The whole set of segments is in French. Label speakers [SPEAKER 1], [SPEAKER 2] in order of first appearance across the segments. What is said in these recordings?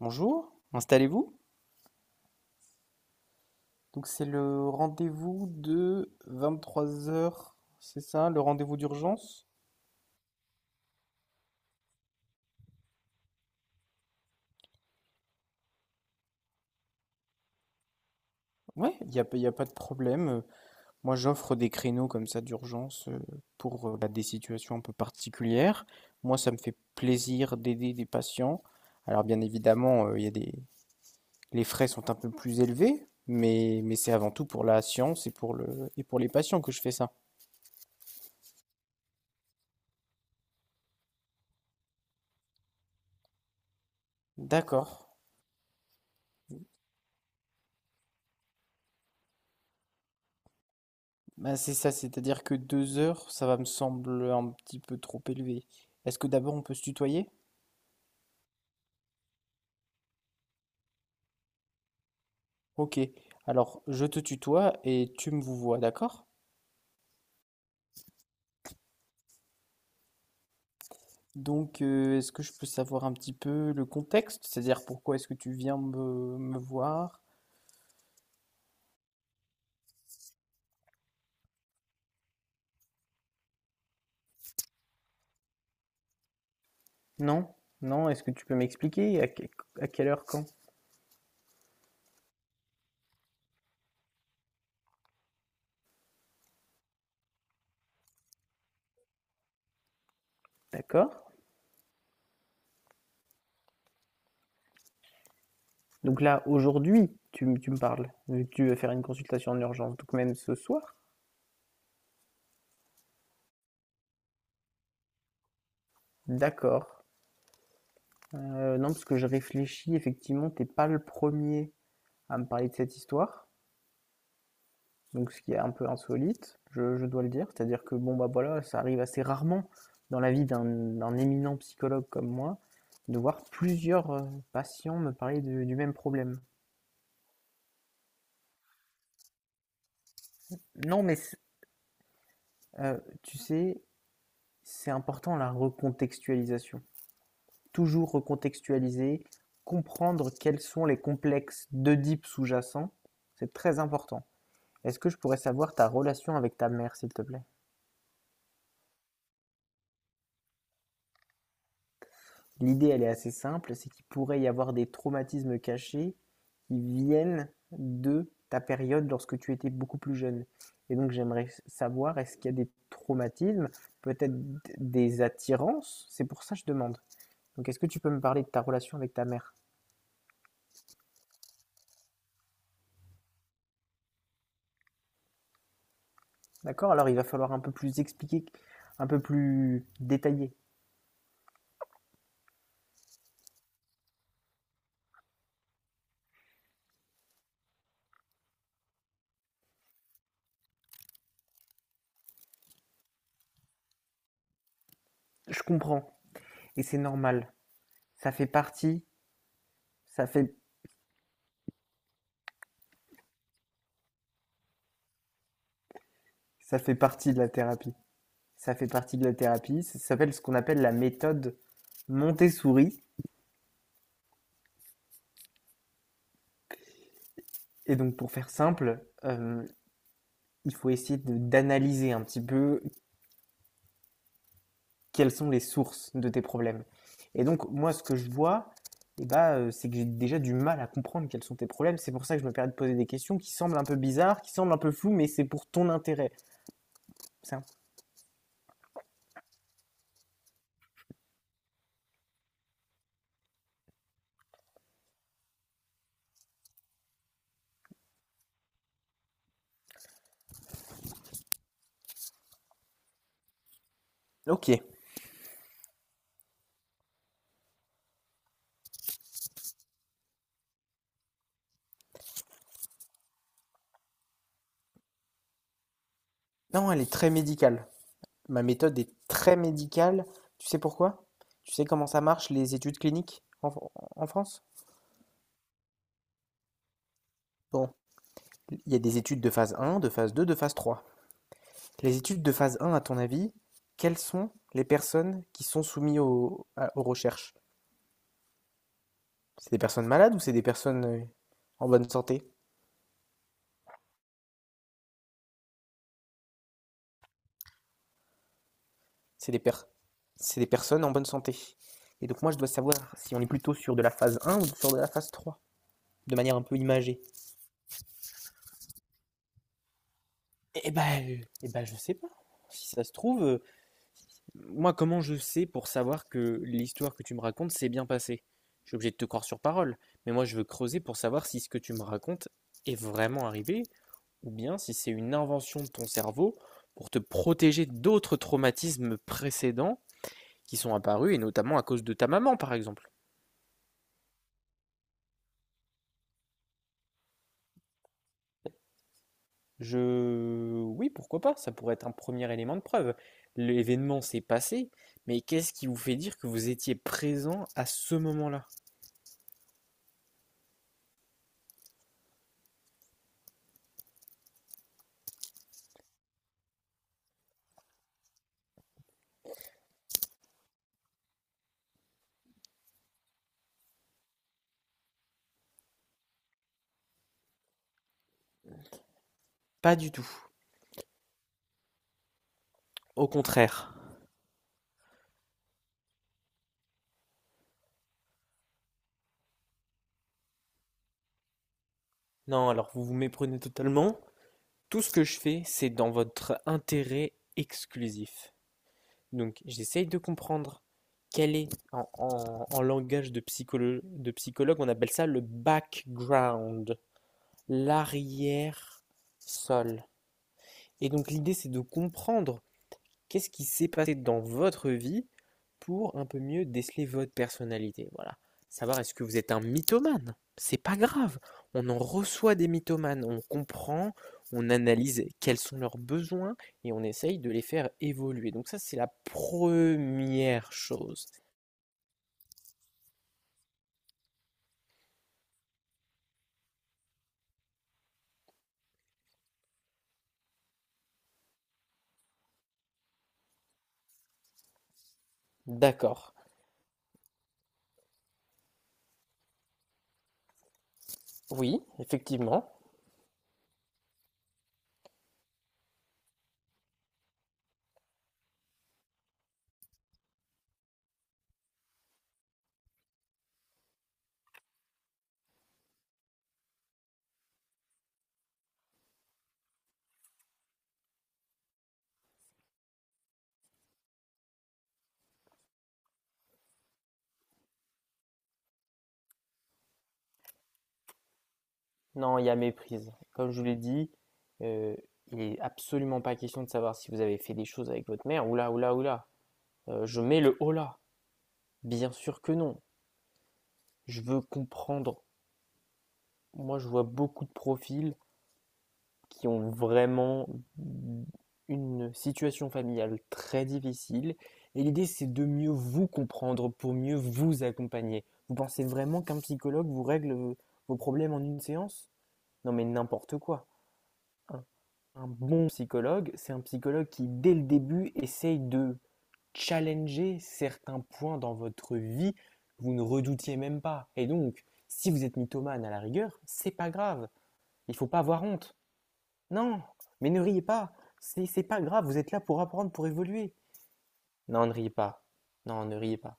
[SPEAKER 1] Bonjour, installez-vous. Donc c'est le rendez-vous de 23 heures, c'est ça, le rendez-vous d'urgence? Ouais, il n'y a, y a pas de problème. Moi, j'offre des créneaux comme ça d'urgence, pour bah, des situations un peu particulières. Moi, ça me fait plaisir d'aider des patients. Alors, bien évidemment, y a des... les frais sont un peu plus élevés, mais c'est avant tout pour la science et pour le... et pour les patients que je fais ça. D'accord. Bah, c'est ça, c'est-à-dire que deux heures, ça va me sembler un petit peu trop élevé. Est-ce que d'abord on peut se tutoyer? Ok, alors je te tutoie et tu me vous vois, d'accord? Donc est-ce que je peux savoir un petit peu le contexte? C'est-à-dire pourquoi est-ce que tu viens me voir? Non, non, est-ce que tu peux m'expliquer à quelle heure, quand? D'accord? Donc là, aujourd'hui, tu me parles, vu que tu veux faire une consultation en urgence, donc même ce soir? D'accord. Non, parce que je réfléchis, effectivement, t'es pas le premier à me parler de cette histoire, donc ce qui est un peu insolite, je dois le dire. C'est-à-dire que bon bah voilà, ça arrive assez rarement dans la vie d'un éminent psychologue comme moi de voir plusieurs patients me parler du même problème. Non mais tu sais, c'est important la recontextualisation. Toujours recontextualiser, comprendre quels sont les complexes d'Oedipe sous-jacents, c'est très important. Est-ce que je pourrais savoir ta relation avec ta mère, s'il te plaît? L'idée, elle est assez simple, c'est qu'il pourrait y avoir des traumatismes cachés qui viennent de ta période lorsque tu étais beaucoup plus jeune. Et donc j'aimerais savoir, est-ce qu'il y a des traumatismes, peut-être des attirances. C'est pour ça que je demande. Donc est-ce que tu peux me parler de ta relation avec ta mère? D'accord. Alors il va falloir un peu plus expliquer, un peu plus détaillé. Je comprends, et c'est normal. Ça fait partie, ça fait, ça fait partie de la thérapie. Ça fait partie de la thérapie. Ça s'appelle ce qu'on appelle la méthode Montessori. Et donc, pour faire simple, il faut essayer d'analyser un petit peu quelles sont les sources de tes problèmes. Et donc, moi, ce que je vois, eh ben, c'est que j'ai déjà du mal à comprendre quels sont tes problèmes. C'est pour ça que je me permets de poser des questions qui semblent un peu bizarres, qui semblent un peu floues, mais c'est pour ton intérêt. C'est un- Ok. Non, elle est très médicale. Ma méthode est très médicale. Tu sais pourquoi? Tu sais comment ça marche, les études cliniques en France? Bon, il y a des études de phase un, de phase 2, de phase 3. Les études de phase un, à ton avis, quelles sont les personnes qui sont soumises aux recherches? C'est des personnes malades ou c'est des personnes en bonne santé? C'est des, per- c'est des personnes en bonne santé. Et donc moi je dois savoir si on est plutôt sur de la phase un ou sur de la phase 3, de manière un peu imagée. Eh ben je sais pas. Si ça se trouve, moi, comment je sais pour savoir que l'histoire que tu me racontes s'est bien passée? Je suis obligé de te croire sur parole, mais moi je veux creuser pour savoir si ce que tu me racontes est vraiment arrivé. Ou bien si c'est une invention de ton cerveau pour te protéger d'autres traumatismes précédents qui sont apparus, et notamment à cause de ta maman, par exemple. Je... oui, pourquoi pas, ça pourrait être un premier élément de preuve. L'événement s'est passé, mais qu'est-ce qui vous fait dire que vous étiez présent à ce moment-là? Pas du tout, au contraire. Non, alors vous vous méprenez totalement. Tout ce que je fais, c'est dans votre intérêt exclusif. Donc j'essaye de comprendre quel est, en langage de psychologue, on appelle ça le background, l'arrière-sol. Et donc l'idée, c'est de comprendre qu'est-ce qui s'est passé dans votre vie pour un peu mieux déceler votre personnalité. Voilà. Savoir est-ce que vous êtes un mythomane. C'est pas grave. On en reçoit des mythomanes. On comprend, on analyse quels sont leurs besoins et on essaye de les faire évoluer. Donc ça, c'est la première chose. D'accord. Oui, effectivement. Non, il y a méprise. Comme je vous l'ai dit, euh, il n'est absolument pas question de savoir si vous avez fait des choses avec votre mère. Oula, oula, oula. Je mets le hola. Bien sûr que non. Je veux comprendre. Moi, je vois beaucoup de profils qui ont vraiment une situation familiale très difficile. Et l'idée, c'est de mieux vous comprendre pour mieux vous accompagner. Vous pensez vraiment qu'un psychologue vous règle vos problèmes en une séance? Non, mais n'importe quoi. Un, un bon psychologue, c'est un psychologue qui, dès le début, essaye de challenger certains points dans votre vie que vous ne redoutiez même pas. Et donc, si vous êtes mythomane à la rigueur, c'est pas grave. Il ne faut pas avoir honte. Non, mais ne riez pas. C'est pas grave. Vous êtes là pour apprendre, pour évoluer. Non, ne riez pas. Non, ne riez pas.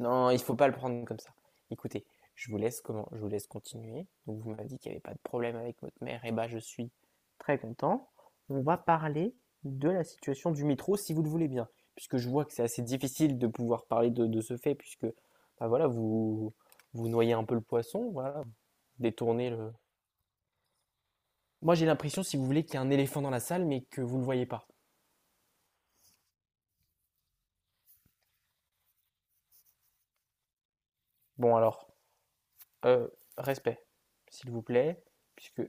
[SPEAKER 1] Non, il faut pas le prendre comme ça. Écoutez, je vous laisse continuer. Donc vous m'avez dit qu'il n'y avait pas de problème avec votre mère. Et bah je suis très content. On va parler de la situation du métro, si vous le voulez bien, puisque je vois que c'est assez difficile de pouvoir parler de ce fait, puisque bah voilà, vous vous noyez un peu le poisson, voilà, détournez le. Moi j'ai l'impression, si vous voulez, qu'il y a un éléphant dans la salle, mais que vous ne le voyez pas. Bon alors, euh, respect, s'il vous plaît, puisque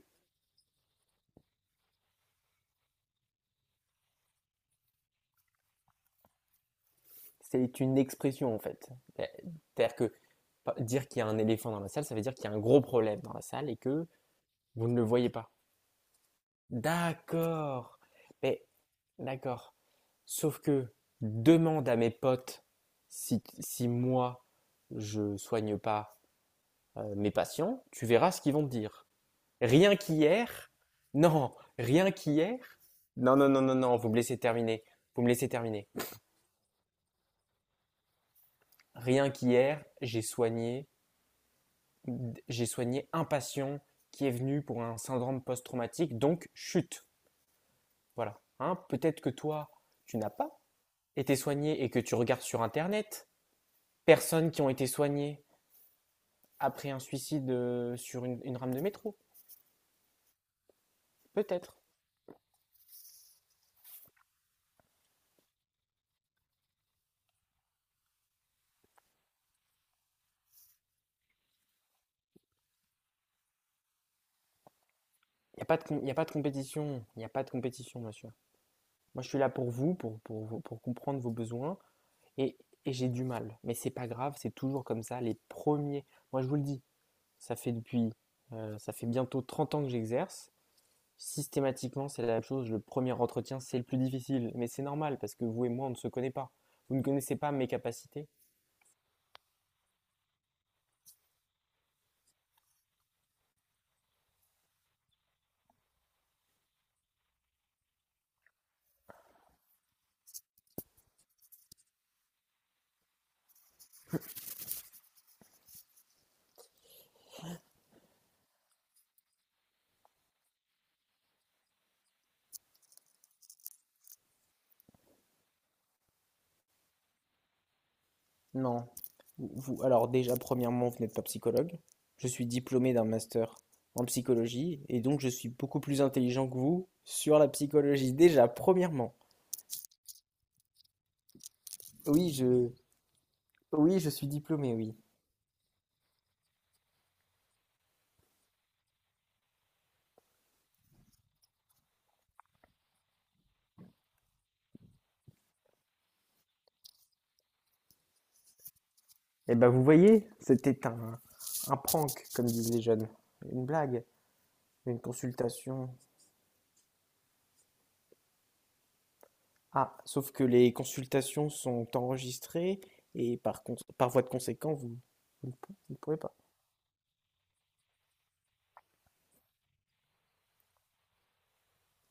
[SPEAKER 1] c'est une expression en fait. Euh, C'est-à-dire que dire qu'il y a un éléphant dans la salle, ça veut dire qu'il y a un gros problème dans la salle et que vous ne le voyez pas. D'accord. Mais d'accord. Sauf que demande à mes potes si moi je soigne pas mes patients, tu verras ce qu'ils vont te dire. Rien qu'hier, non, rien qu'hier, non, non, non, non, non, vous me laissez terminer, vous me laissez terminer. Rien qu'hier, j'ai soigné un patient qui est venu pour un syndrome post-traumatique, donc chute. Voilà. Hein, peut-être que toi, tu n'as pas été soigné et que tu regardes sur Internet personnes qui ont été soignées après un suicide sur une rame de métro. Peut-être. Il n'y a, pas de com- y a pas de compétition. Il n'y a pas de compétition, monsieur. Moi, je suis là pour vous, pour comprendre vos besoins. Et, et j'ai du mal. Mais c'est pas grave, c'est toujours comme ça. Les premiers. Moi, je vous le dis, ça fait depuis. Ça fait bientôt 30 ans que j'exerce. Systématiquement, c'est la même chose. Le premier entretien, c'est le plus difficile. Mais c'est normal parce que vous et moi, on ne se connaît pas. Vous ne connaissez pas mes capacités. Non. Vous, alors déjà, premièrement, vous n'êtes pas psychologue. Je suis diplômé d'un master en psychologie et donc je suis beaucoup plus intelligent que vous sur la psychologie. Déjà, premièrement. Oui, je, oui, je suis diplômé, oui. Eh ben, vous voyez, un prank, comme disent les jeunes. Une blague, une consultation, Ah, sauf que les consultations sont enregistrées et par par voie de conséquent, vous ne pouvez pas.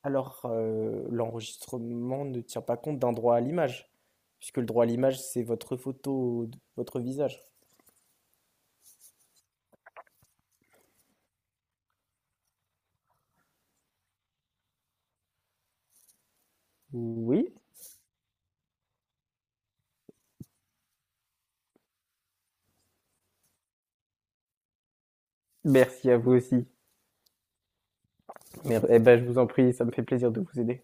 [SPEAKER 1] Alors, l'enregistrement ne tient pas compte d'un droit à l'image, puisque le droit à l'image, c'est votre photo, de votre visage. Oui, merci à vous aussi. Eh ben, je vous en prie, ça me fait plaisir de vous aider.